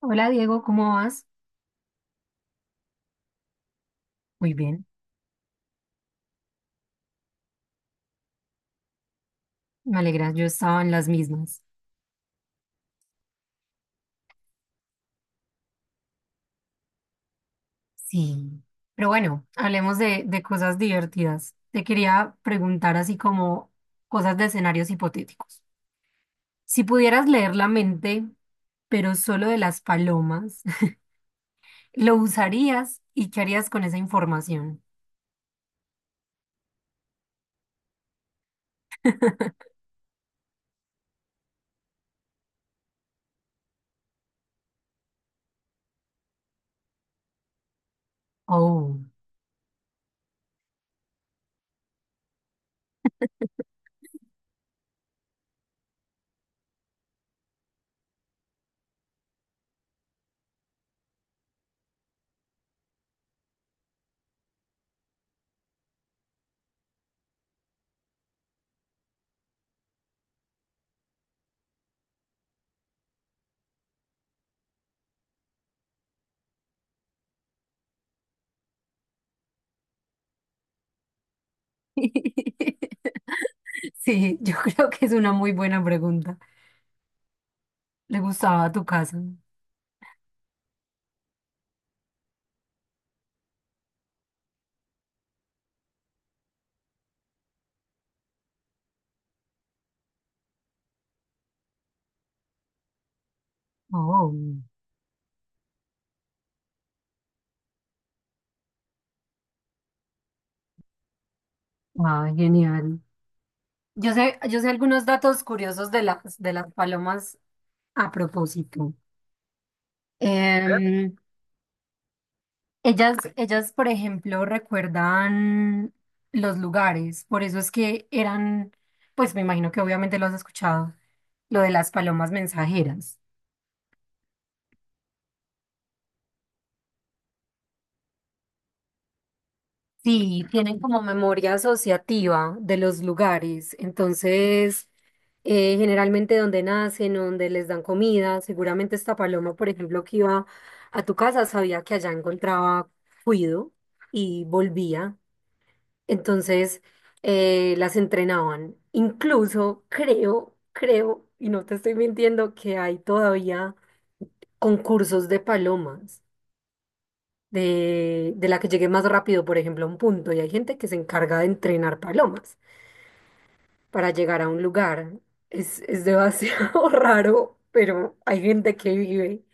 Hola Diego, ¿cómo vas? Muy bien, me alegra, yo estaba en las mismas. Sí, pero bueno, hablemos de cosas divertidas. Te quería preguntar así como cosas de escenarios hipotéticos. Si pudieras leer la mente, pero solo de las palomas, ¿lo usarías y qué harías con esa información? Oh, sí, yo creo que es una muy buena pregunta. ¿Le gustaba tu casa? Oh, ah, genial. Yo sé algunos datos curiosos de las palomas a propósito. Em, ellas, por ejemplo, recuerdan los lugares, por eso es que eran, pues me imagino que obviamente lo has escuchado, lo de las palomas mensajeras. Sí, tienen como memoria asociativa de los lugares. Entonces, generalmente donde nacen, donde les dan comida, seguramente esta paloma, por ejemplo, que iba a tu casa, sabía que allá encontraba cuido y volvía. Entonces, las entrenaban. Incluso creo, y no te estoy mintiendo, que hay todavía concursos de palomas de la que llegue más rápido, por ejemplo, a un punto. Y hay gente que se encarga de entrenar palomas para llegar a un lugar. Es demasiado raro, pero hay gente que vive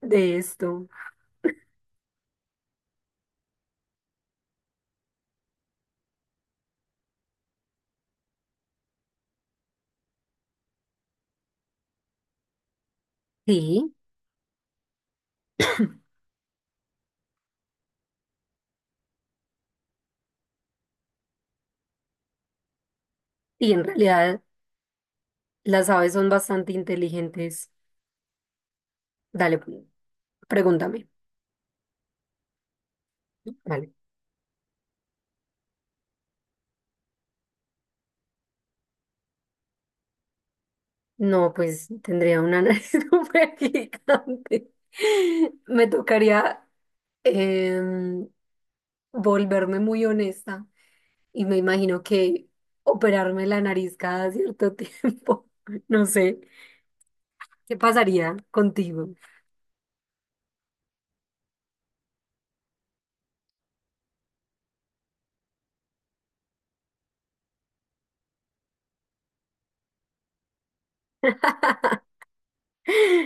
de esto. Sí, y en realidad las aves son bastante inteligentes. Dale, pregúntame. Vale. No, pues tendría una nariz súper gigante. Me tocaría em, volverme muy honesta. Y me imagino que operarme la nariz cada cierto tiempo, no sé, ¿qué pasaría contigo?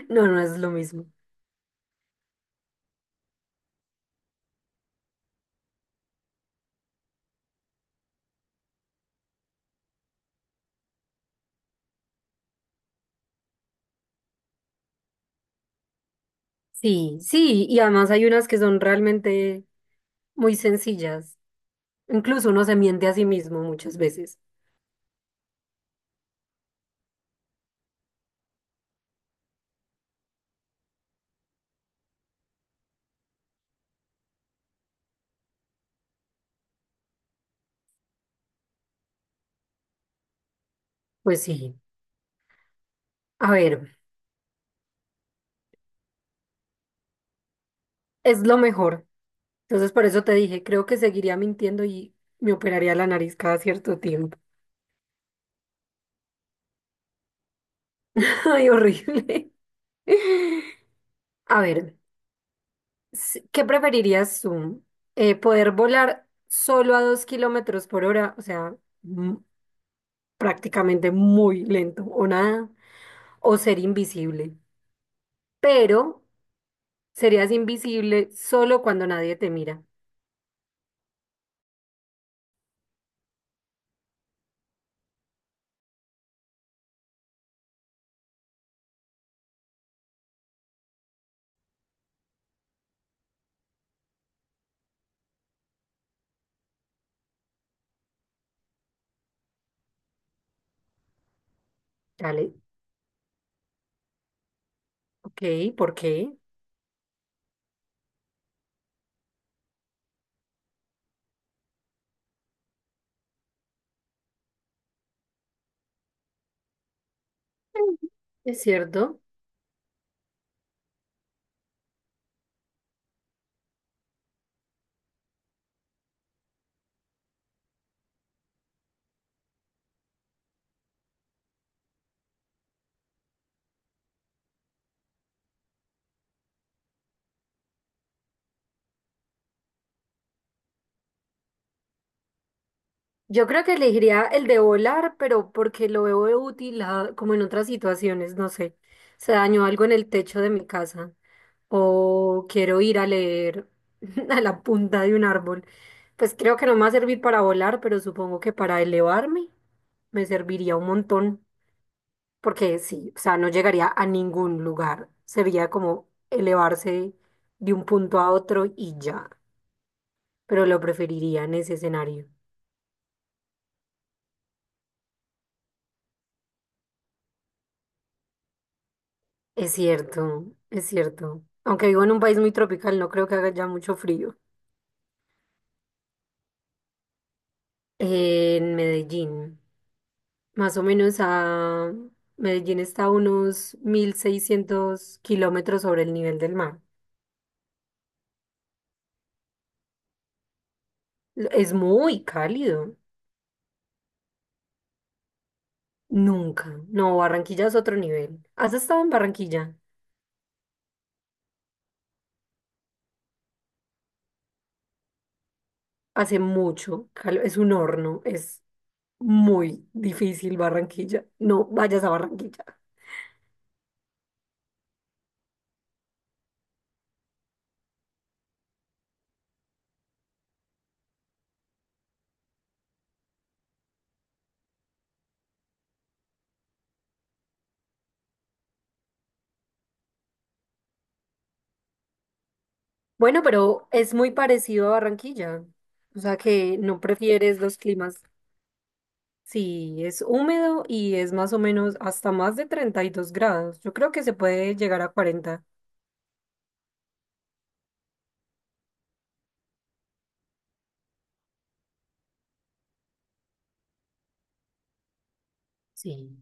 No, no es lo mismo. Sí, sí, y además hay unas que son realmente muy sencillas. Incluso uno se miente a sí mismo muchas veces. Pues sí, a ver, es lo mejor. Entonces por eso te dije, creo que seguiría mintiendo y me operaría la nariz cada cierto tiempo. Ay, horrible. A ver. ¿Qué preferirías tú? ¿Poder volar solo a 2 kilómetros por hora? O sea, mm, prácticamente muy lento o nada. O ser invisible. Pero serías invisible solo cuando nadie te mira. Dale. Ok, ¿por qué? Mm. Es cierto. Yo creo que elegiría el de volar, pero porque lo veo útil ah, como en otras situaciones, no sé. Se dañó algo en el techo de mi casa. O quiero ir a leer a la punta de un árbol. Pues creo que no me va a servir para volar, pero supongo que para elevarme me serviría un montón, porque sí, o sea, no llegaría a ningún lugar. Sería como elevarse de un punto a otro y ya, pero lo preferiría en ese escenario. Es cierto, es cierto. Aunque vivo en un país muy tropical, no creo que haga ya mucho frío. En Medellín. Más o menos a Medellín está a unos 1.600 kilómetros sobre el nivel del mar. Es muy cálido. Nunca. No, Barranquilla es otro nivel. ¿Has estado en Barranquilla? Hace mucho. Es un horno. Es muy difícil Barranquilla. No vayas a Barranquilla. Bueno, pero es muy parecido a Barranquilla. O sea que no prefieres los climas. Sí, es húmedo y es más o menos hasta más de 32 grados. Yo creo que se puede llegar a 40. Sí,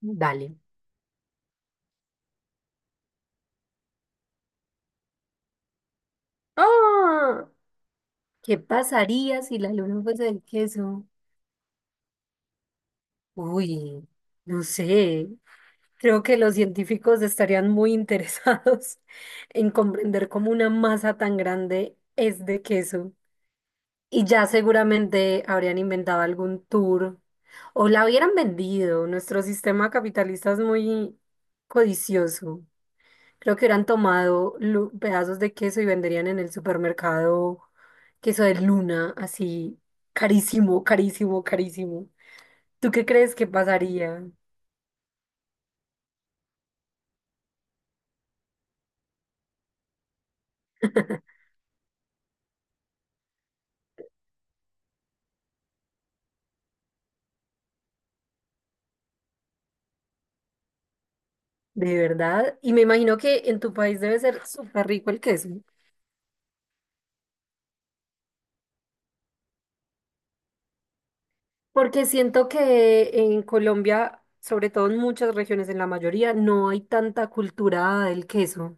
dale. ¡Ah! ¿Qué pasaría si la luna fuese de queso? Uy, no sé. Creo que los científicos estarían muy interesados en comprender cómo una masa tan grande es de queso. Y ya seguramente habrían inventado algún tour o la hubieran vendido. Nuestro sistema capitalista es muy codicioso. Creo que hubieran tomado pedazos de queso y venderían en el supermercado queso de luna, así carísimo, carísimo, carísimo. ¿Tú qué crees que pasaría de verdad? Y me imagino que en tu país debe ser súper rico el queso. Porque siento que en Colombia, sobre todo en muchas regiones, en la mayoría, no hay tanta cultura del queso.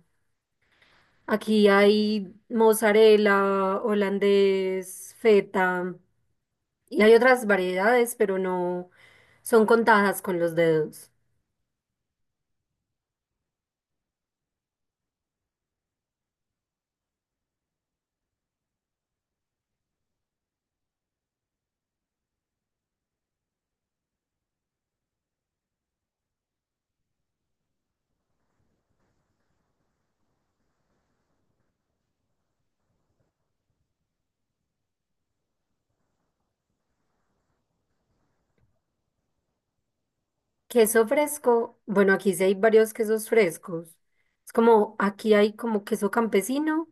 Aquí hay mozzarella, holandés, feta, y hay otras variedades, pero no son contadas con los dedos. Queso fresco, bueno, aquí sí hay varios quesos frescos. Es como, aquí hay como queso campesino,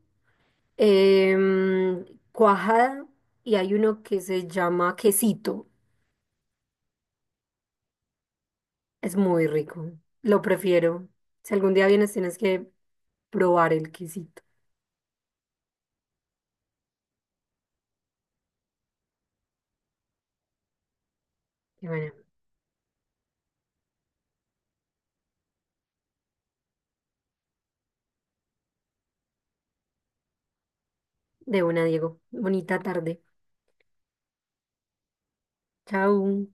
em, cuajada, y hay uno que se llama quesito. Es muy rico. Lo prefiero. Si algún día vienes, tienes que probar el quesito. Y bueno, de una, Diego. Bonita tarde. Chao.